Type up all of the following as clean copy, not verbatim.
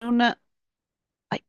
una... Ay,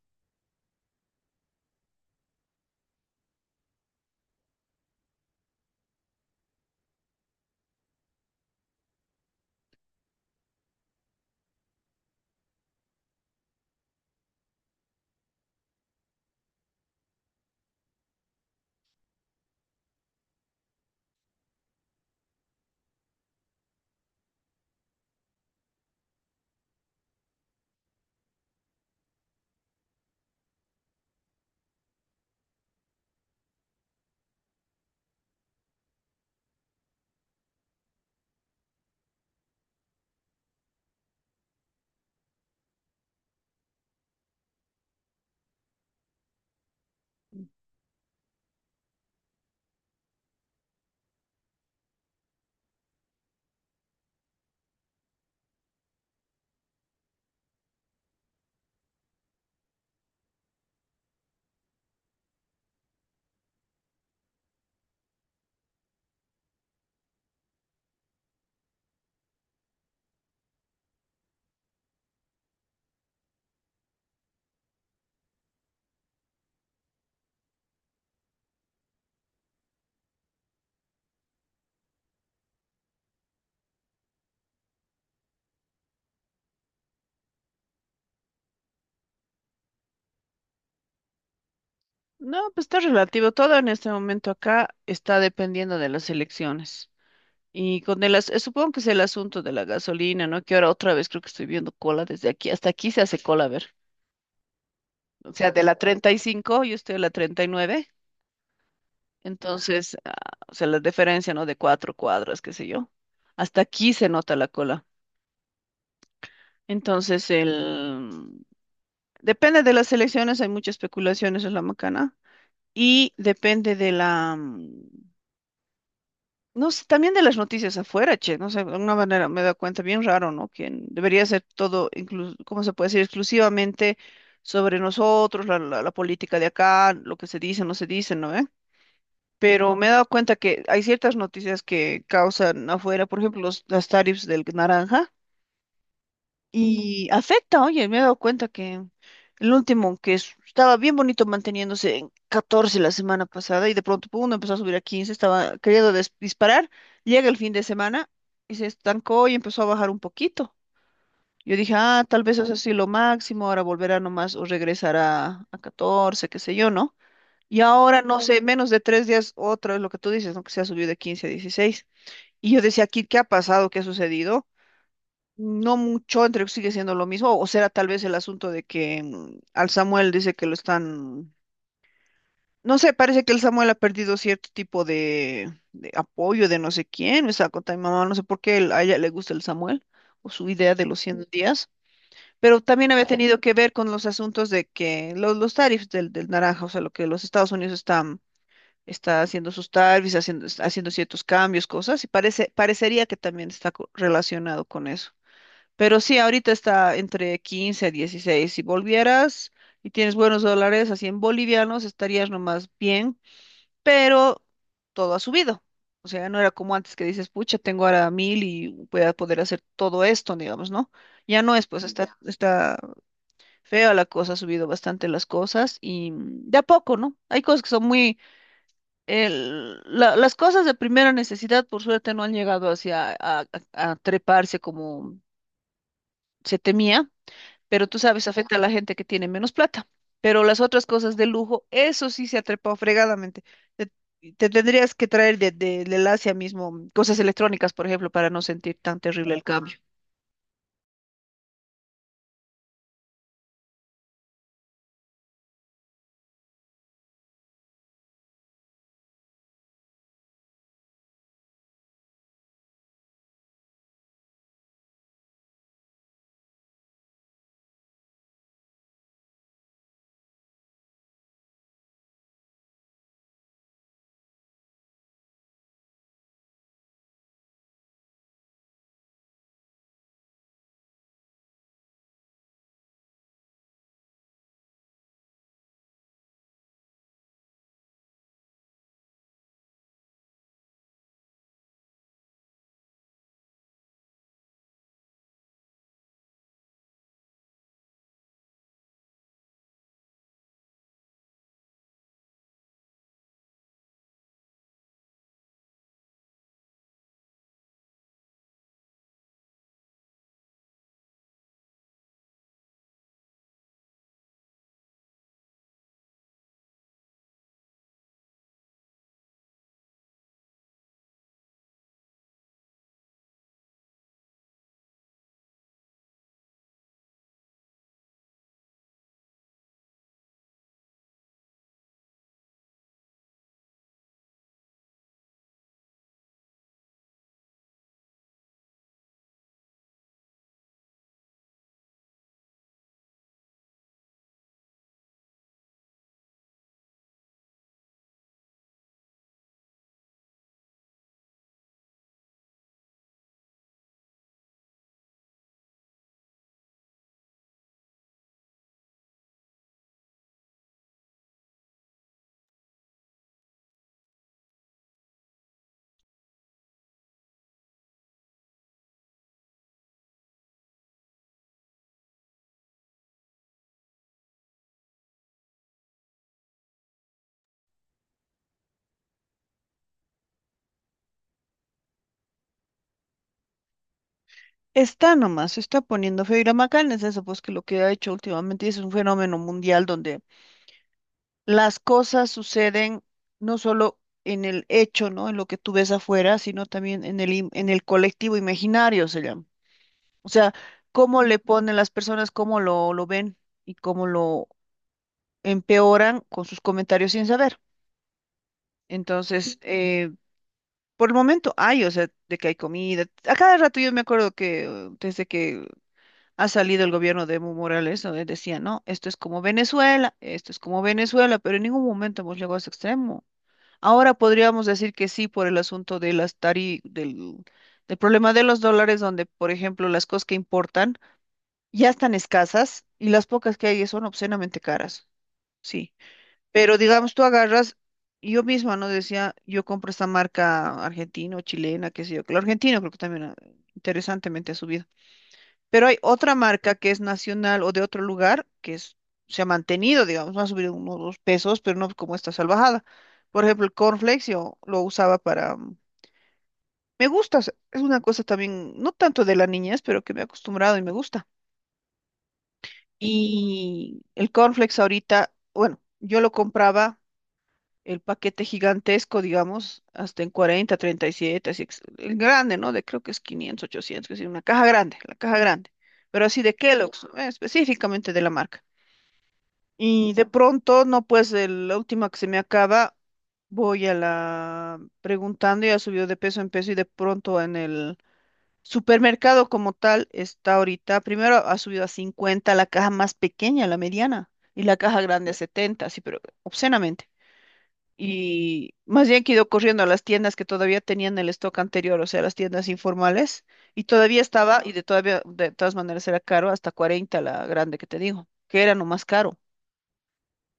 no, pues está relativo. Todo en este momento acá está dependiendo de las elecciones. Y con el supongo que es el asunto de la gasolina, ¿no? Que ahora otra vez creo que estoy viendo cola desde aquí. Hasta aquí se hace cola, a ver. O sea, de la 35 yo estoy a la 39. Entonces, ah, o sea, la diferencia, ¿no? De cuatro cuadras, qué sé yo. Hasta aquí se nota la cola. Entonces, el... depende de las elecciones, hay muchas especulaciones en la macana. Y depende de la no sé, también de las noticias afuera, che, no sé, de alguna manera me da cuenta, bien raro, ¿no? Que debería ser todo, incluso, ¿cómo se puede decir? Exclusivamente sobre nosotros, la política de acá, lo que se dice, no se dice, ¿no? ¿Eh? Pero me he dado cuenta que hay ciertas noticias que causan afuera, por ejemplo, las tarifas del naranja. Y afecta, oye, me he dado cuenta que el último, estaba bien bonito manteniéndose en 14 la semana pasada y de pronto pum, empezó a subir a 15, estaba queriendo disparar, llega el fin de semana y se estancó y empezó a bajar un poquito. Yo dije, ah, tal vez es así lo máximo, ahora volverá nomás o regresará a 14, qué sé yo, ¿no? Y ahora, no sé, menos de 3 días, otra vez lo que tú dices, ¿no? Que se ha subido de 15 a 16. Y yo decía, aquí, ¿qué ha pasado? ¿Qué ha sucedido? No mucho, entre que sigue siendo lo mismo, o será tal vez el asunto de que al Samuel dice que lo están, no sé, parece que el Samuel ha perdido cierto tipo de apoyo de no sé quién, esa cosa mi mamá, no sé por qué a ella le gusta el Samuel o su idea de los 100 días, pero también había tenido que ver con los asuntos de que los tarifs del naranja, o sea, lo que los Estados Unidos están, está haciendo sus tarifs, haciendo ciertos cambios, cosas, y parecería que también está relacionado con eso. Pero sí, ahorita está entre 15 a 16. Si volvieras y tienes buenos dólares, así en bolivianos, estarías nomás bien, pero todo ha subido. O sea, no era como antes que dices, pucha, tengo ahora mil y voy a poder hacer todo esto, digamos, ¿no? Ya no es, pues está, ya. Está fea la cosa, ha subido bastante las cosas y de a poco, ¿no? Hay cosas que son muy... las cosas de primera necesidad, por suerte, no han llegado hacia a treparse como se temía, pero tú sabes, afecta a la gente que tiene menos plata. Pero las otras cosas de lujo, eso sí se ha trepado fregadamente. Te, Te tendrías que traer del Asia mismo, cosas electrónicas, por ejemplo, para no sentir tan terrible el cambio. Está nomás, se está poniendo feo. Y la macana es eso, pues que lo que ha hecho últimamente es un fenómeno mundial donde las cosas suceden no solo en el hecho, ¿no? En lo que tú ves afuera, sino también en en el colectivo imaginario, se llama. O sea, cómo le ponen las personas, cómo lo ven y cómo lo empeoran con sus comentarios sin saber. Entonces, por el momento hay, o sea, de que hay comida. A cada rato yo me acuerdo que desde que ha salido el gobierno de Evo Morales, donde decía, no, esto es como Venezuela, esto es como Venezuela, pero en ningún momento hemos llegado a ese extremo. Ahora podríamos decir que sí por el asunto de las del problema de los dólares, donde, por ejemplo, las cosas que importan ya están escasas y las pocas que hay son obscenamente caras, sí. Pero digamos, tú agarras, yo misma, ¿no? Decía, yo compro esta marca argentina o chilena, qué sé yo, que lo argentino creo que también, ah, interesantemente ha subido. Pero hay otra marca que es nacional o de otro lugar se ha mantenido, digamos, no ha subido unos 2 pesos, pero no como esta salvajada. Por ejemplo, el cornflakes yo lo usaba para... me gusta, o sea, es una cosa también, no tanto de la niñez, pero que me he acostumbrado y me gusta. Y el cornflakes ahorita, bueno, yo lo compraba el paquete gigantesco, digamos, hasta en cuarenta treinta y siete así, el grande, ¿no? De creo que es 500 800 que es una caja grande, la caja grande, pero así de Kellogg's, específicamente de la marca. Y de pronto, no, pues la última que se me acaba, voy a la preguntando, ya subió de peso en peso y de pronto en el supermercado como tal está ahorita, primero ha subido a 50 la caja más pequeña, la mediana, y la caja grande a 70, sí, pero obscenamente. Y más bien que he ido corriendo a las tiendas que todavía tenían el stock anterior, o sea, las tiendas informales, y todavía estaba, y de todavía, de todas maneras era caro, hasta 40 la grande que te digo, que era no más caro,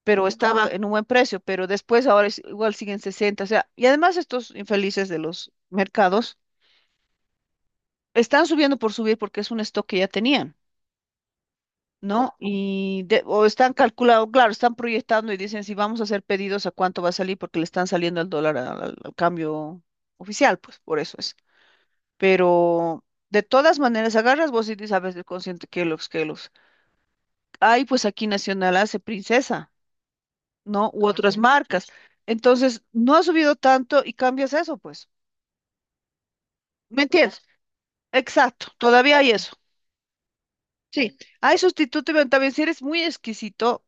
pero estaba en un buen precio, pero después ahora igual siguen 60, o sea, y además estos infelices de los mercados están subiendo por subir porque es un stock que ya tenían. ¿No? Y o están calculando, claro, están proyectando y dicen si vamos a hacer pedidos a cuánto va a salir porque le están saliendo el dólar al cambio oficial, pues por eso es. Pero de todas maneras, agarras vos y dices, a veces consciente que los hay, pues aquí Nacional hace Princesa, ¿no? U otras, correcto, marcas. Entonces, no ha subido tanto y cambias eso, pues. ¿Me entiendes? Exacto, todavía hay eso. Sí, hay sustituto, pero también si eres muy exquisito,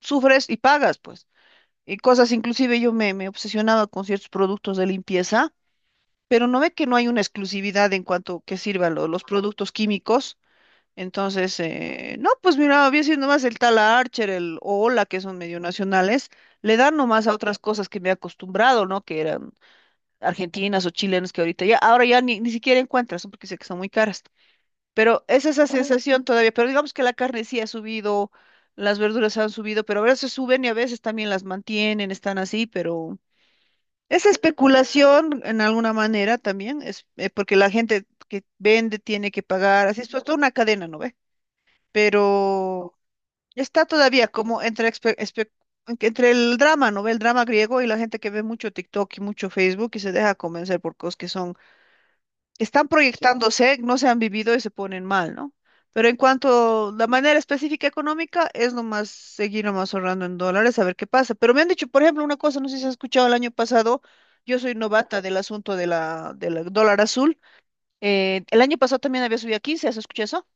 sufres y pagas, pues. Y cosas, inclusive yo me obsesionaba con ciertos productos de limpieza, pero no ve que no hay una exclusividad en cuanto que sirvan los productos químicos. Entonces, no, pues mira, había sido nomás el tal Archer, el Ola, que son medio nacionales, le dan nomás a otras cosas que me he acostumbrado, ¿no? Que eran argentinas o chilenas que ahorita ya, ahora ya ni, ni siquiera encuentras, ¿no? Porque sé que son muy caras. Pero es esa sensación todavía, pero digamos que la carne sí ha subido, las verduras han subido, pero a veces suben y a veces también las mantienen, están así, pero es especulación en alguna manera también, es porque la gente que vende tiene que pagar, así es pues, toda una cadena, ¿no ve? Pero está todavía como entre el drama, ¿no ve? El drama griego y la gente que ve mucho TikTok y mucho Facebook y se deja convencer por cosas que son están proyectándose, no se han vivido y se ponen mal, ¿no? Pero en cuanto a la manera específica económica, es nomás seguir nomás ahorrando en dólares a ver qué pasa. Pero me han dicho, por ejemplo, una cosa, no sé si has escuchado el año pasado, yo soy novata del asunto del dólar azul. Eh, el año pasado también había subido a 15. ¿Has escuchado eso?